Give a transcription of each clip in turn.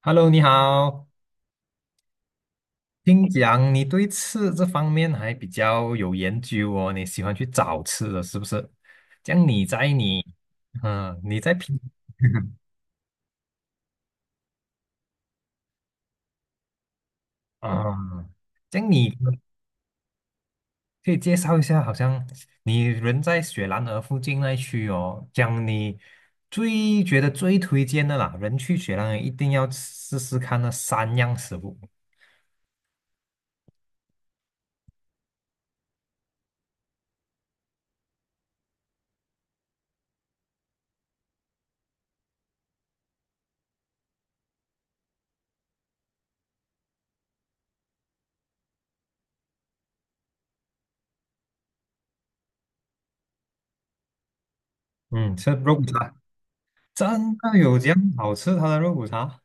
Hello，你好。听讲你对吃这方面还比较有研究哦，你喜欢去找吃的，是不是？这样你在你，嗯，你在平，啊、这样你可以介绍一下，好像你人在雪兰莪附近那一区哦，这样你最觉得最推荐的啦，人去雪兰莪一定要试试看那三样食物。嗯，吃肉骨茶，真的有这样好吃它的肉骨茶？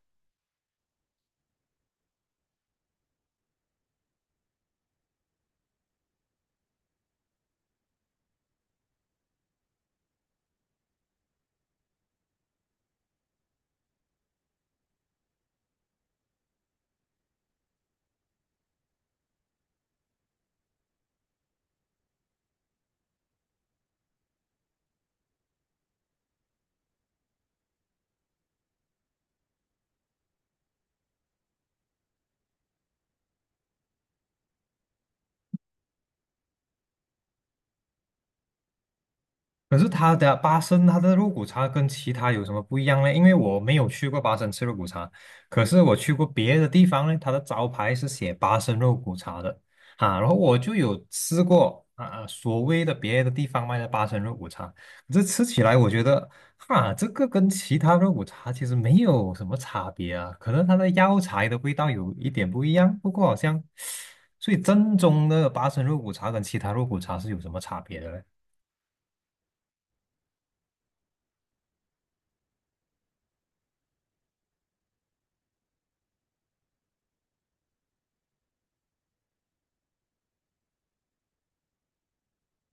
可是他的八生它的肉骨茶跟其他有什么不一样呢？因为我没有去过八生吃肉骨茶，可是我去过别的地方呢，它的招牌是写八生肉骨茶的啊。然后我就有吃过啊所谓的别的地方卖的八生肉骨茶，可是吃起来我觉得哈，这个跟其他肉骨茶其实没有什么差别啊，可能它的药材的味道有一点不一样，不过好像，所以正宗的八生肉骨茶跟其他肉骨茶是有什么差别的呢？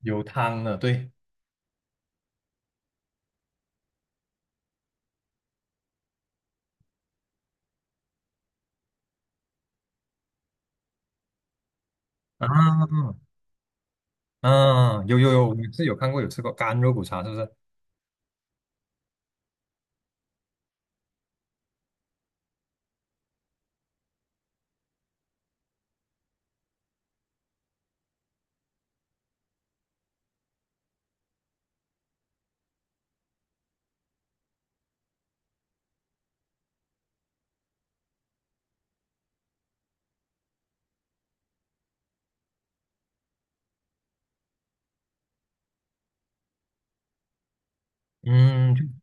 有汤的，对。啊，嗯，有有有，我是有看过有吃过干肉骨茶，是不是？嗯，就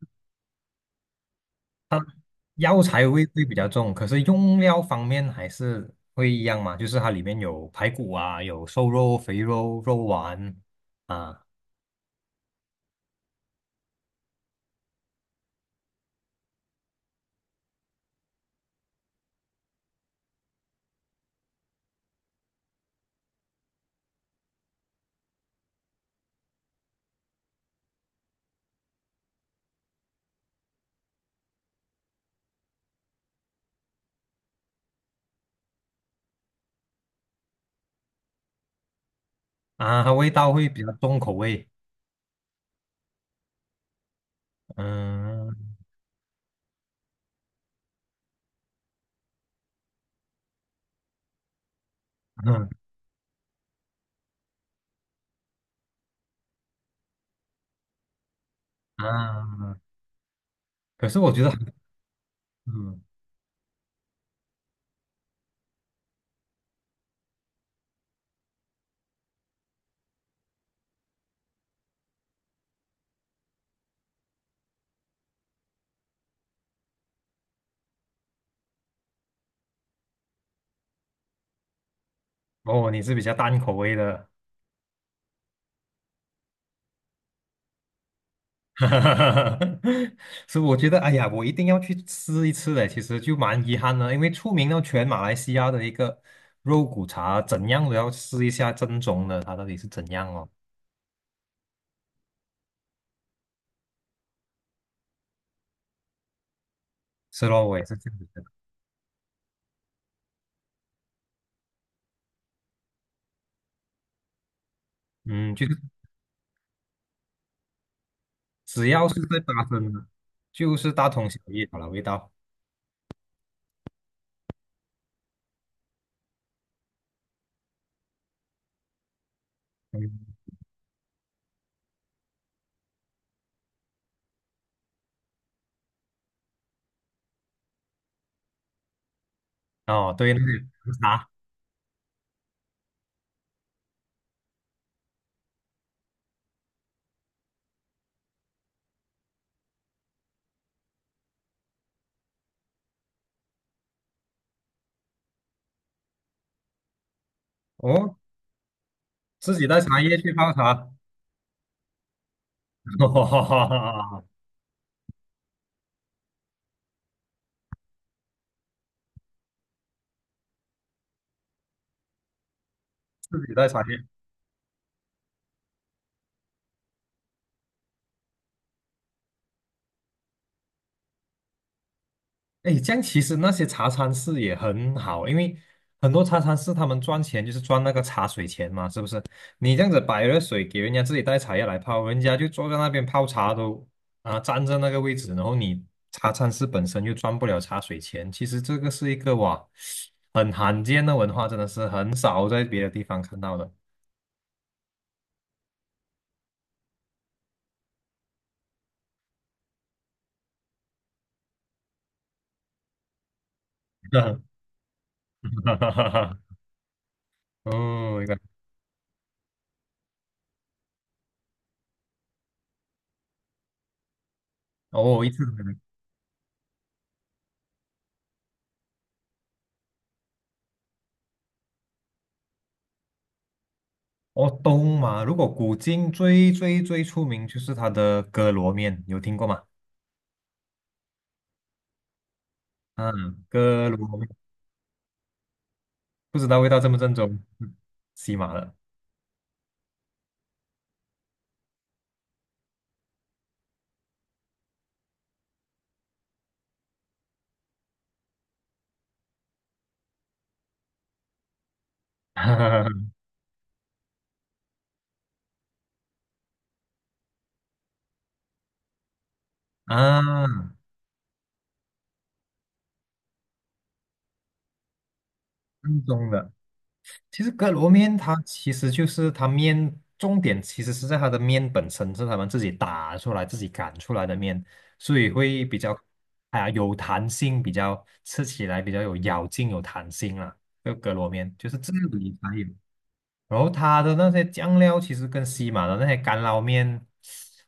药材味会比较重，可是用料方面还是会一样嘛，就是它里面有排骨啊，有瘦肉、肥肉、肉丸啊啊，它味道会比较重口味。嗯嗯啊，可是我觉得，嗯，哦，你是比较淡口味的。 哈哈哈，所以我觉得，哎呀，我一定要去吃一次的。其实就蛮遗憾的，因为出名到全马来西亚的一个肉骨茶，怎样都要试一下正宗的，它到底是怎样哦。是咯，我也是这样子的。嗯，就是只要是在巴生的，就是大同小异好了，味道。嗯，哦，对，那个茶，哦，自己带茶叶去泡茶。自己带茶叶。哎，这样其实那些茶餐室也很好，因为很多茶餐室他们赚钱就是赚那个茶水钱嘛，是不是？你这样子摆热水给人家自己带茶叶来泡，人家就坐在那边泡茶都啊占在那个位置，然后你茶餐室本身又赚不了茶水钱，其实这个是一个哇很罕见的文化，真的是很少在别的地方看到的。哦，一个，哦，一次。都没哦，东马，如果古今最最最出名就是它的哥罗面，有听过吗？嗯，哥罗面，不知道味道正不正宗，嗯，西马了。啊，正宗的。其实哥罗面它其实就是它面，重点其实是在它的面本身是他们自己打出来、自己擀出来的面，所以会比较啊、有弹性，比较吃起来比较有咬劲、有弹性啦。这个哥罗面就是这里才有。然后它的那些酱料其实跟西马的那些干捞面，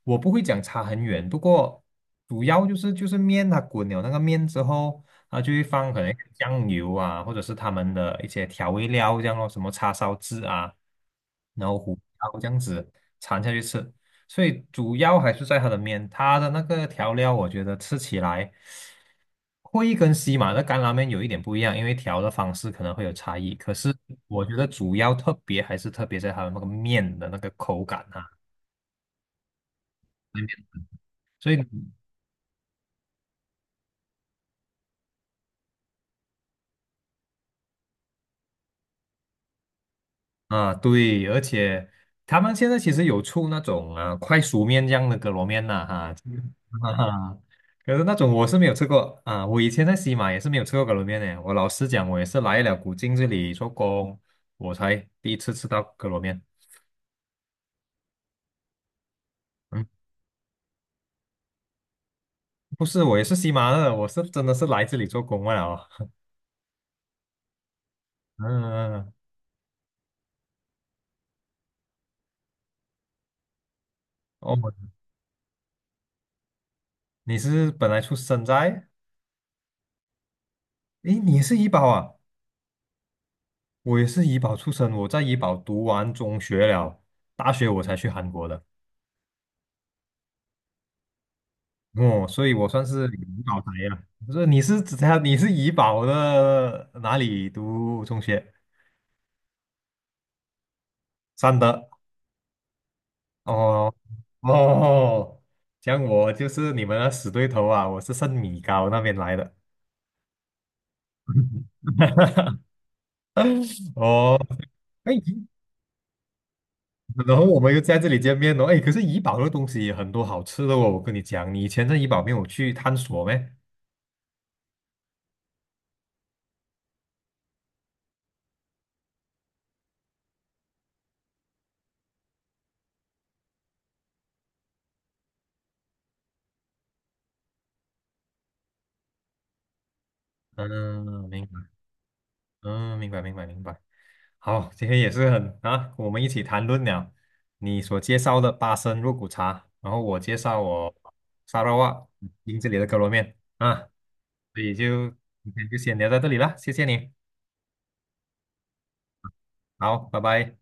我不会讲差很远，不过主要就是面它滚了那个面之后，它就会放可能嗯酱油啊，或者是他们的一些调味料这样咯，什么叉烧汁啊，然后胡椒这样子掺下去吃，所以主要还是在它的面，它的那个调料我觉得吃起来。会跟西马的干拉面有一点不一样，因为调的方式可能会有差异。可是我觉得主要特别还是特别在它的那个面的那个口感啊，那边。所以啊，对，而且他们现在其实有出那种啊快熟面这样的格罗面呐、哈、哈，可是那种我是没有吃过啊，我以前在西马也是没有吃过格罗面的。我老实讲，我也是来了古晋这里做工，我才第一次吃到格罗面。嗯，不是，我也是西马的，我是真的是来这里做工罢了哦。嗯，哦，你是本来出生在，诶，你也是怡保啊？我也是怡保出生，我在怡保读完中学了，大学我才去韩国的。哦，所以我算是怡保宅呀。不是，你是指他你是怡保的哪里读中学？三德。哦哦，像我就是你们的死对头啊，我是圣米高那边来的。哦，哎，然后我们又在这里见面了，哎，可是怡保的东西也很多好吃的哦，我跟你讲，你以前在怡保没有去探索咩？嗯，明白，嗯，明白，明白，明白。好，今天也是很啊，我们一起谈论了你所介绍的巴生肉骨茶，然后我介绍我沙拉哇英这里的可乐面啊，所以就今天就先聊到这里啦，谢谢你，好，拜拜。